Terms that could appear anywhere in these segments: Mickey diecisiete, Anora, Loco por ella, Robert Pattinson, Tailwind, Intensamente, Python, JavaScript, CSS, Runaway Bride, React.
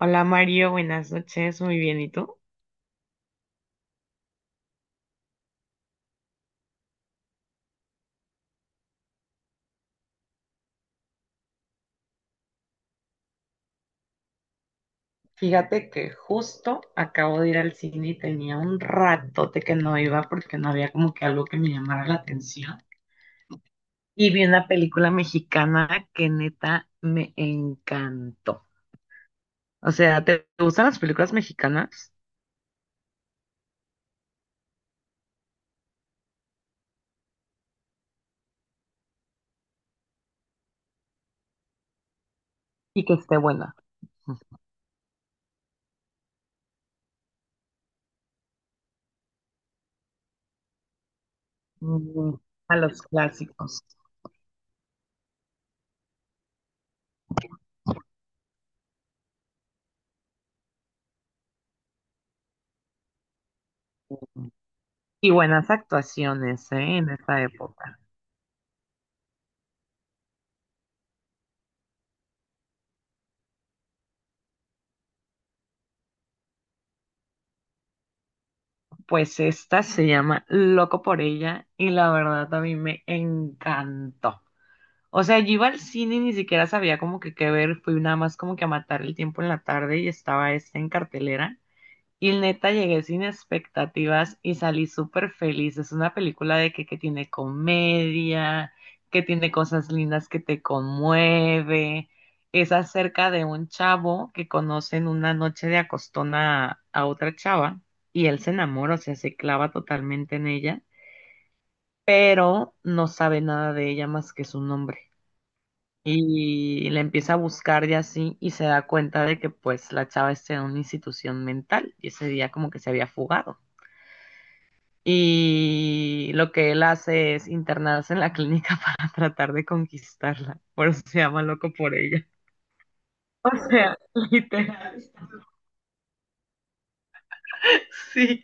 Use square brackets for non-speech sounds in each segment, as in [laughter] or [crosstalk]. Hola Mario, buenas noches, muy bien, ¿y tú? Fíjate que justo acabo de ir al cine y tenía un ratote que no iba porque no había como que algo que me llamara la atención. Y vi una película mexicana que neta me encantó. O sea, ¿te gustan las películas mexicanas? Y que esté buena. Mm, a los clásicos. Y buenas actuaciones, ¿eh? En esa época. Pues esta se llama Loco por ella y la verdad a mí me encantó. O sea, yo iba al cine y ni siquiera sabía como que qué ver, fui nada más como que a matar el tiempo en la tarde y estaba esta en cartelera. Y neta llegué sin expectativas y salí súper feliz. Es una película de que tiene comedia, que tiene cosas lindas que te conmueve. Es acerca de un chavo que conoce en una noche de acostona a otra chava y él se enamora, o sea, se clava totalmente en ella, pero no sabe nada de ella más que su nombre y la empieza a buscar y así y se da cuenta de que pues la chava está en una institución mental y ese día como que se había fugado. Y lo que él hace es internarse en la clínica [laughs] para tratar de conquistarla. Por eso se llama loco por ella. [laughs] O sea, literal. Sí.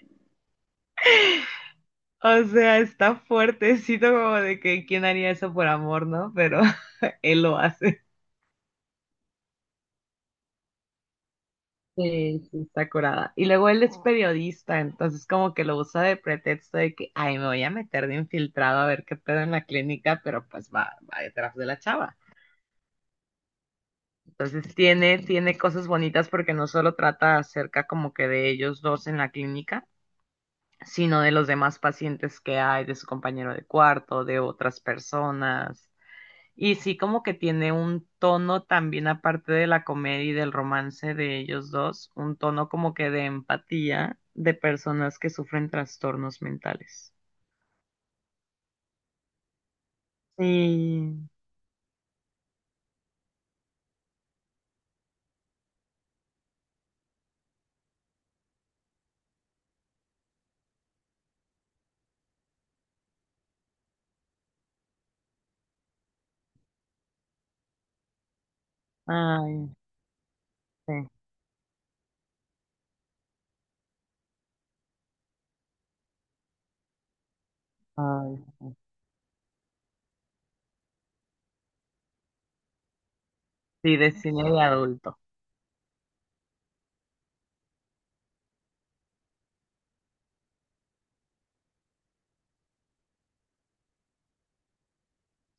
O sea, está fuertecito como de que quién haría eso por amor, ¿no? Pero [laughs] él lo hace. Sí, sí, está curada. Y luego él es, ah, periodista, entonces como que lo usa de pretexto de que, ay, me voy a meter de infiltrado a ver qué pedo en la clínica, pero pues va, va detrás de la chava. Entonces tiene, tiene cosas bonitas porque no solo trata acerca como que de ellos dos en la clínica, sino de los demás pacientes que hay, de su compañero de cuarto, de otras personas. Y sí, como que tiene un tono también, aparte de la comedia y del romance de ellos dos, un tono como que de empatía de personas que sufren trastornos mentales. Sí, ay, sí, ay. Sí, de cine de adulto,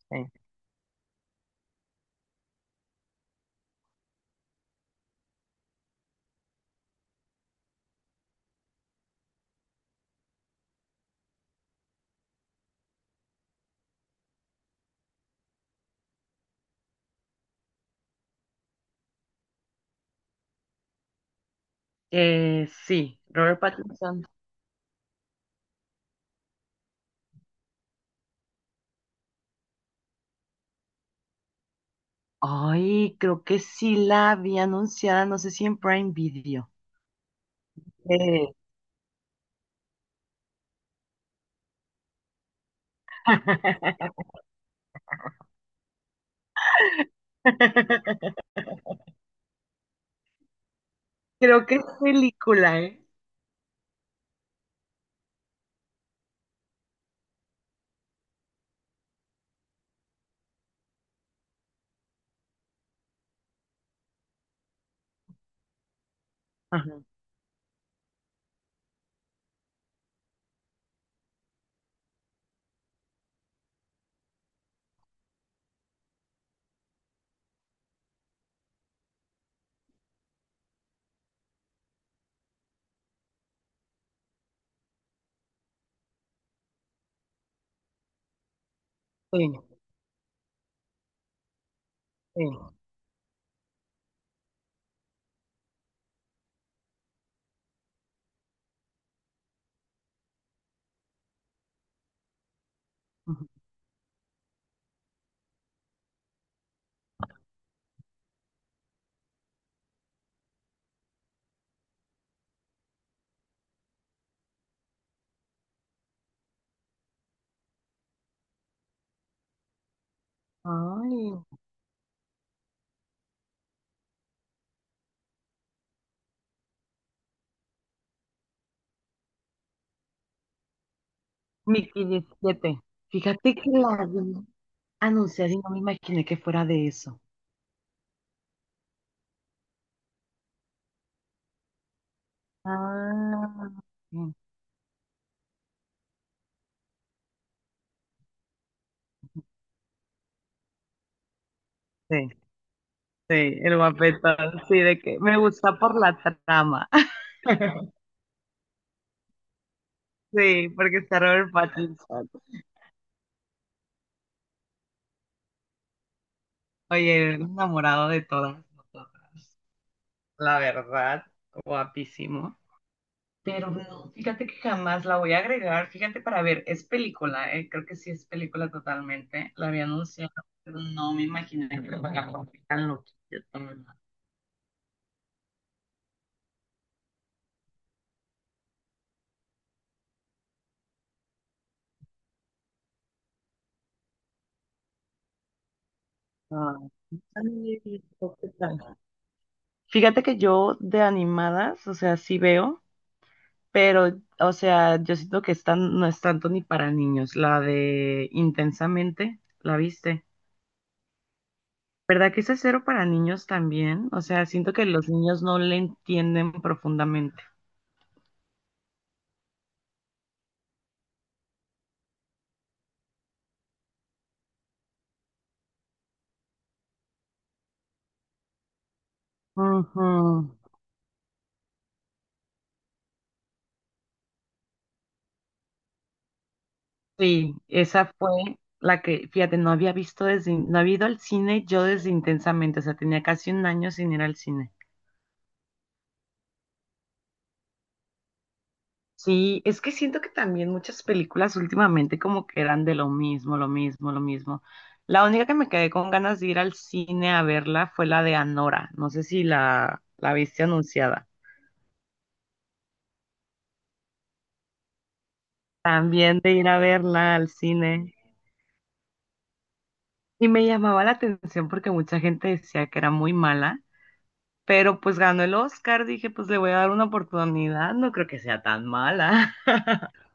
sí. Sí, Robert Pattinson. Ay, creo que sí la había anunciada, no sé si en Prime Video. Eh. [laughs] Creo que es película, ¿eh? Ajá, sí, sí. Ay, Mickey 17. Fíjate que la vi anunciar y no me imaginé que fuera de eso. Ah, sí, sí, el guapetón, sí, de que me gusta por la trama. [laughs] Sí, porque está Robert Pattinson. Oye, enamorado de todas nosotras. La verdad, guapísimo. Pero no, fíjate que jamás la voy a agregar. Fíjate para ver, es película, creo que sí es película totalmente. La había anunciado, pero no me imaginé que lo fuera algo tan loquillo tan- Ah, ay, qué tal. Fíjate que yo de animadas, o sea, sí veo, pero, o sea, yo siento que están, no es tanto ni para niños. La de Intensamente, ¿la viste? ¿Verdad que esa es cero para niños también? O sea, siento que los niños no le entienden profundamente. Ujú. Sí, esa fue la que, fíjate, no había visto desde, no había ido al cine yo desde Intensamente, o sea, tenía casi un año sin ir al cine. Sí, es que siento que también muchas películas últimamente como que eran de lo mismo, lo mismo, lo mismo. La única que me quedé con ganas de ir al cine a verla fue la de Anora, no sé si la, la viste anunciada. También de ir a verla al cine. Y me llamaba la atención porque mucha gente decía que era muy mala. Pero pues ganó el Oscar, dije, pues le voy a dar una oportunidad, no creo que sea tan mala. [laughs]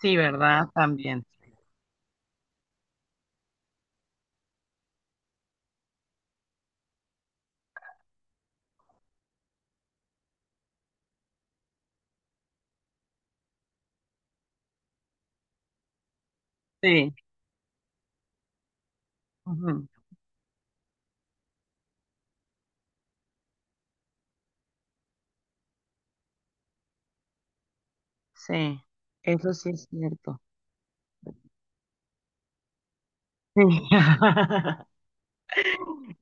Sí, ¿verdad? También. Sí. Ujú, sí, eso sí es cierto. Sí. [laughs]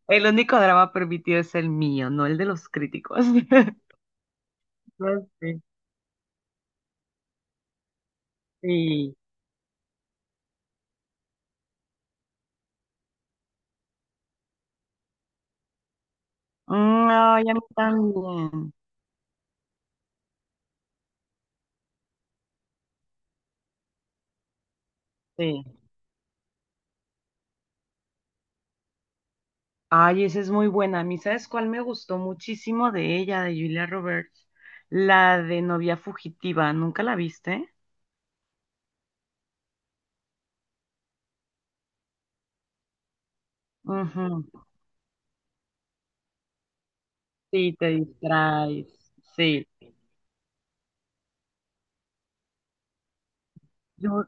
El único drama permitido es el mío, no el de los críticos. [laughs] No sé, sí. Mm, ay, a mí también. Sí. Ay, esa es muy buena. A mí, ¿sabes cuál me gustó muchísimo de ella, de Julia Roberts? La de novia fugitiva. ¿Nunca la viste? Ujú. Sí, te distraes. Sí. Yo-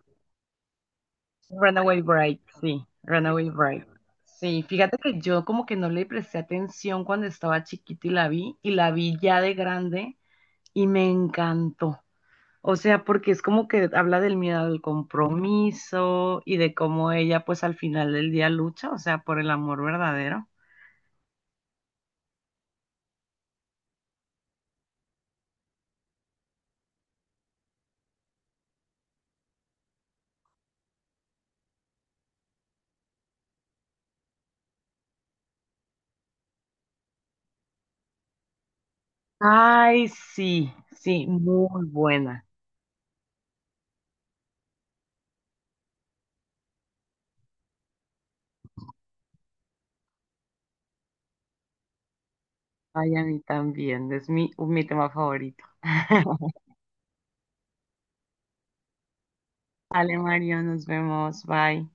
Runaway Bride, sí. Runaway Bride. Sí, fíjate que yo como que no le presté atención cuando estaba chiquita y la vi ya de grande y me encantó. O sea, porque es como que habla del miedo al compromiso y de cómo ella pues al final del día lucha, o sea, por el amor verdadero. Ay, sí, sí, muy buena. Ay, a mí también, es mi, mi tema favorito. [laughs] Vale, Mario, nos vemos. Bye.